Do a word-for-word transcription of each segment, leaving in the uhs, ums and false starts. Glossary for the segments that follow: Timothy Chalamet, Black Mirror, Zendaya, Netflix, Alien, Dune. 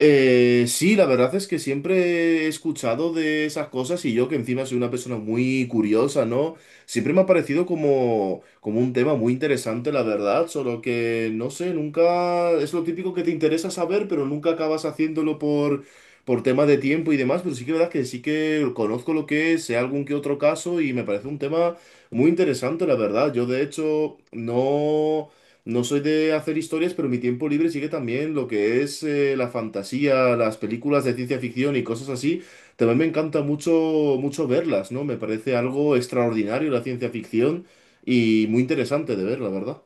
Eh, sí, la verdad es que siempre he escuchado de esas cosas y yo que encima soy una persona muy curiosa, ¿no? Siempre me ha parecido como, como un tema muy interesante, la verdad, solo que no sé, nunca es lo típico que te interesa saber, pero nunca acabas haciéndolo por, por tema de tiempo y demás, pero sí que es verdad que sí que conozco lo que es, sé algún que otro caso y me parece un tema muy interesante, la verdad. Yo de hecho no... No soy de hacer historias, pero mi tiempo libre sigue también lo que es eh, la fantasía, las películas de ciencia ficción y cosas así. También me encanta mucho, mucho verlas, ¿no? Me parece algo extraordinario la ciencia ficción y muy interesante de ver, la verdad.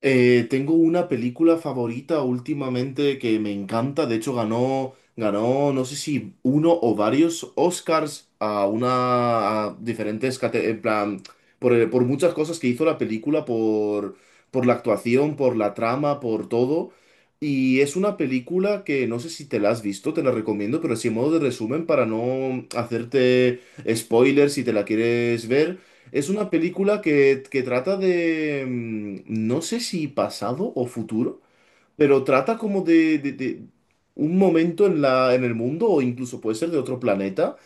Eh, tengo una película favorita últimamente que me encanta. De hecho, ganó, ganó, no sé si uno o varios Oscars a una, a diferentes, cate- en plan, por, eh, por muchas cosas que hizo la película, por, por la actuación, por la trama, por todo. Y es una película que no sé si te la has visto, te la recomiendo, pero así en modo de resumen para no hacerte spoilers si te la quieres ver. Es una película que, que trata de, mm, no sé si pasado o futuro, pero trata como de, de- de un momento en la, en el mundo, o incluso puede ser de otro planeta,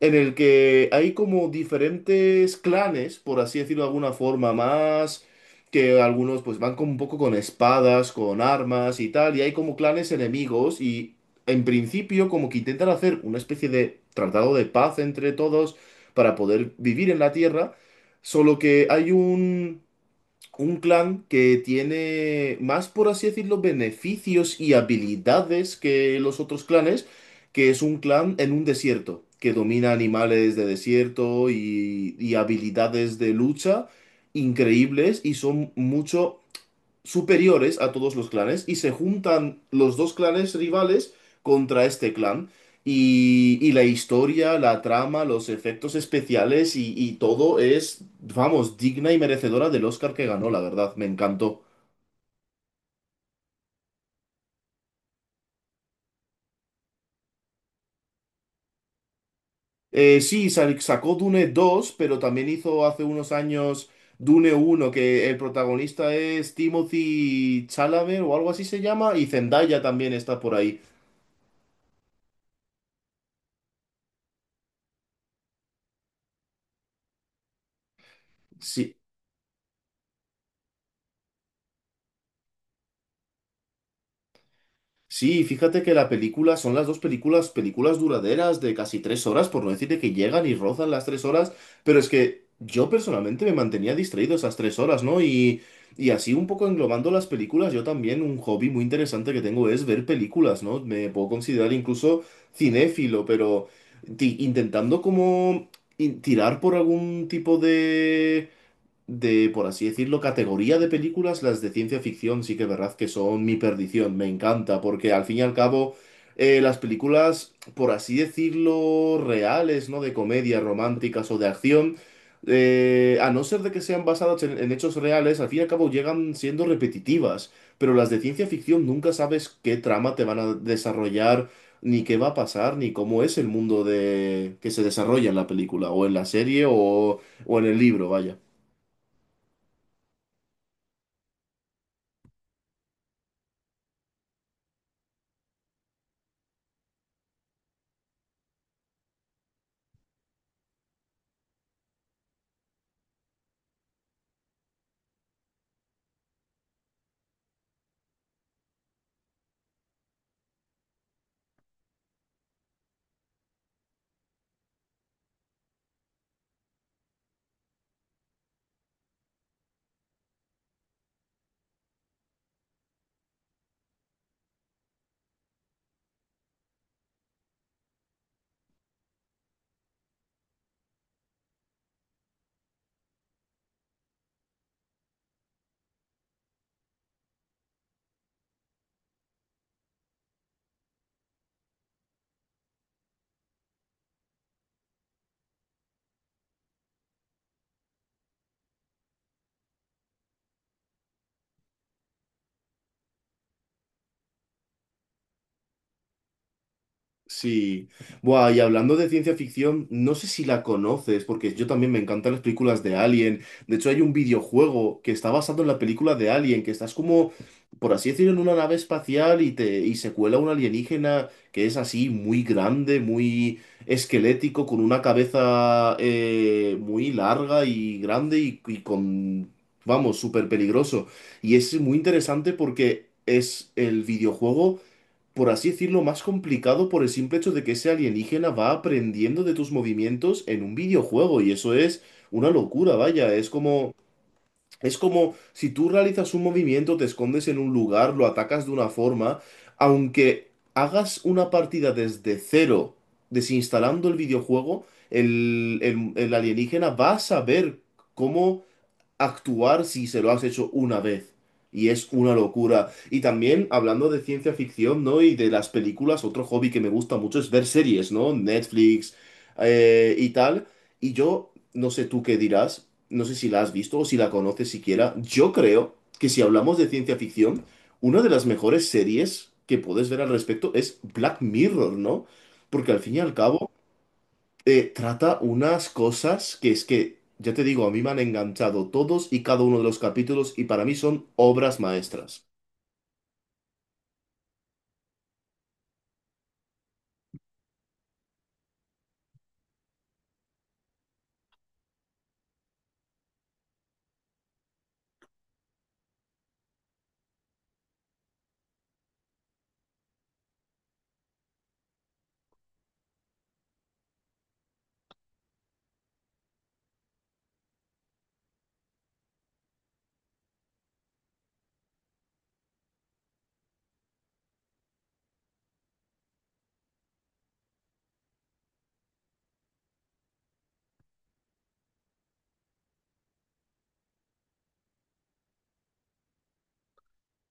en el que hay como diferentes clanes, por así decirlo de alguna forma, más que algunos pues van como un poco con espadas, con armas y tal, y hay como clanes enemigos y en principio como que intentan hacer una especie de tratado de paz entre todos para poder vivir en la Tierra, solo que hay un un clan que tiene más, por así decirlo, beneficios y habilidades que los otros clanes, que es un clan en un desierto, que domina animales de desierto y, y habilidades de lucha increíbles y son mucho superiores a todos los clanes y se juntan los dos clanes rivales contra este clan. Y, y la historia, la trama, los efectos especiales y, y todo es, vamos, digna y merecedora del Oscar que ganó, la verdad, me encantó. Eh, sí, sa- Sacó Dune dos, pero también hizo hace unos años Dune uno, que el protagonista es Timothy Chalamet o algo así se llama, y Zendaya también está por ahí. Sí, Sí, fíjate que la película son las dos películas, películas duraderas de casi tres horas, por no decir de que llegan y rozan las tres horas, pero es que yo personalmente me mantenía distraído esas tres horas, ¿no? Y, y así un poco englobando las películas, yo también un hobby muy interesante que tengo es ver películas, ¿no? Me puedo considerar incluso cinéfilo, pero ti- intentando como in- tirar por algún tipo de de, por así decirlo, categoría de películas, las de ciencia ficción sí que es verdad que son mi perdición, me encanta, porque al fin y al cabo eh, las películas, por así decirlo, reales, ¿no? De comedia, románticas o de acción, eh, a no ser de que sean basadas en, en hechos reales, al fin y al cabo llegan siendo repetitivas, pero las de ciencia ficción nunca sabes qué trama te van a desarrollar. Ni qué va a pasar, ni cómo es el mundo de que se desarrolla en la película, o en la serie, o, o en el libro, vaya. Sí. Buah, y hablando de ciencia ficción, no sé si la conoces, porque yo también me encantan las películas de Alien. De hecho, hay un videojuego que está basado en la película de Alien, que estás como, por así decirlo, en una nave espacial y te y se cuela un alienígena que es así muy grande, muy esquelético, con una cabeza eh, muy larga y grande y, y con, vamos, súper peligroso. Y es muy interesante porque es el videojuego, por así decirlo, más complicado por el simple hecho de que ese alienígena va aprendiendo de tus movimientos en un videojuego y eso es una locura, vaya, es como... Es como si tú realizas un movimiento, te escondes en un lugar, lo atacas de una forma, aunque hagas una partida desde cero, desinstalando el videojuego, el, el- el alienígena va a saber cómo actuar si se lo has hecho una vez. Y es una locura. Y también, hablando de ciencia ficción, ¿no? Y de las películas, otro hobby que me gusta mucho es ver series, ¿no? Netflix eh, y tal. Y yo, no sé tú qué dirás, no sé si la has visto o si la conoces siquiera. Yo creo que si hablamos de ciencia ficción, una de las mejores series que puedes ver al respecto es Black Mirror, ¿no? Porque al fin y al cabo eh, trata unas cosas que es que, ya te digo, a mí me han enganchado todos y cada uno de los capítulos y para mí son obras maestras.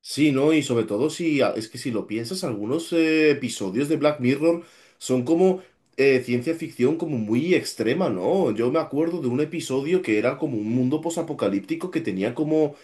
Sí, ¿no? Y sobre todo si a- es que si lo piensas, algunos eh, episodios de Black Mirror son como eh, ciencia ficción como muy extrema, ¿no? Yo me acuerdo de un episodio que era como un mundo posapocalíptico que tenía como,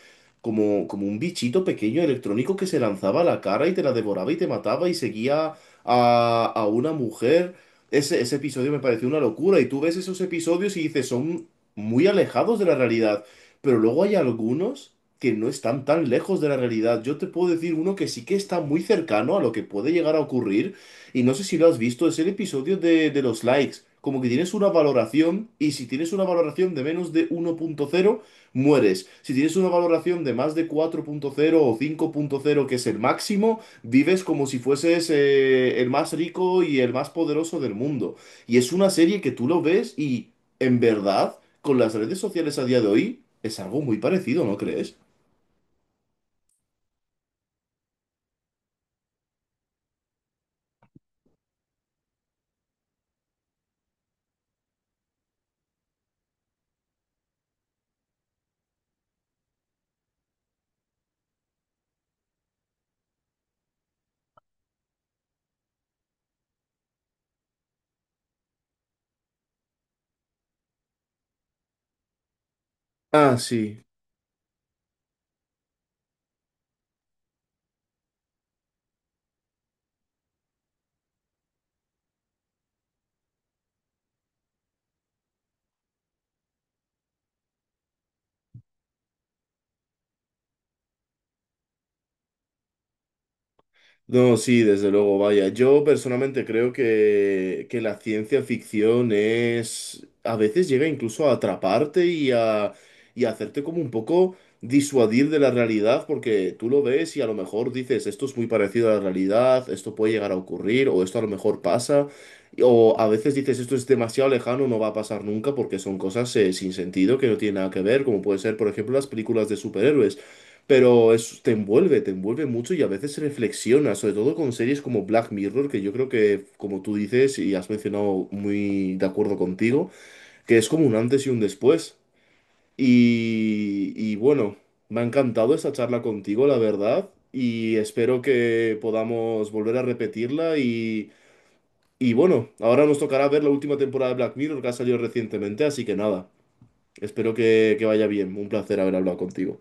como, como un bichito pequeño electrónico que se lanzaba a la cara y te la devoraba y te mataba y seguía a, a una mujer. Ese, ese episodio me pareció una locura. Y tú ves esos episodios y dices, son muy alejados de la realidad. Pero luego hay algunos que no están tan lejos de la realidad. Yo te puedo decir uno que sí que está muy cercano a lo que puede llegar a ocurrir, y no sé si lo has visto, es el episodio de, de los likes. Como que tienes una valoración, y si tienes una valoración de menos de uno punto cero mueres. Si tienes una valoración de más de cuatro punto cero o cinco punto cero, que es el máximo, vives como si fueses eh, el más rico y el más poderoso del mundo. Y es una serie que tú lo ves y, en verdad, con las redes sociales a día de hoy, es algo muy parecido, ¿no crees? Ah, sí. No, sí, desde luego, vaya. Yo personalmente creo que, que la ciencia ficción es... A veces llega incluso a atraparte y a, y a hacerte como un poco disuadir de la realidad, porque tú lo ves y a lo mejor dices, esto es muy parecido a la realidad, esto puede llegar a ocurrir, o esto a lo mejor pasa, o a veces dices, esto es demasiado lejano, no va a pasar nunca, porque son cosas eh, sin sentido, que no tienen nada que ver, como puede ser, por ejemplo, las películas de superhéroes. Pero es, te envuelve, te envuelve mucho y a veces reflexiona, sobre todo con series como Black Mirror, que yo creo que, como tú dices y has mencionado muy de acuerdo contigo, que es como un antes y un después. Y, y bueno, me ha encantado esta charla contigo, la verdad, y espero que podamos volver a repetirla. Y, y bueno, ahora nos tocará ver la última temporada de Black Mirror que ha salido recientemente, así que nada, espero que, que vaya bien. Un placer haber hablado contigo.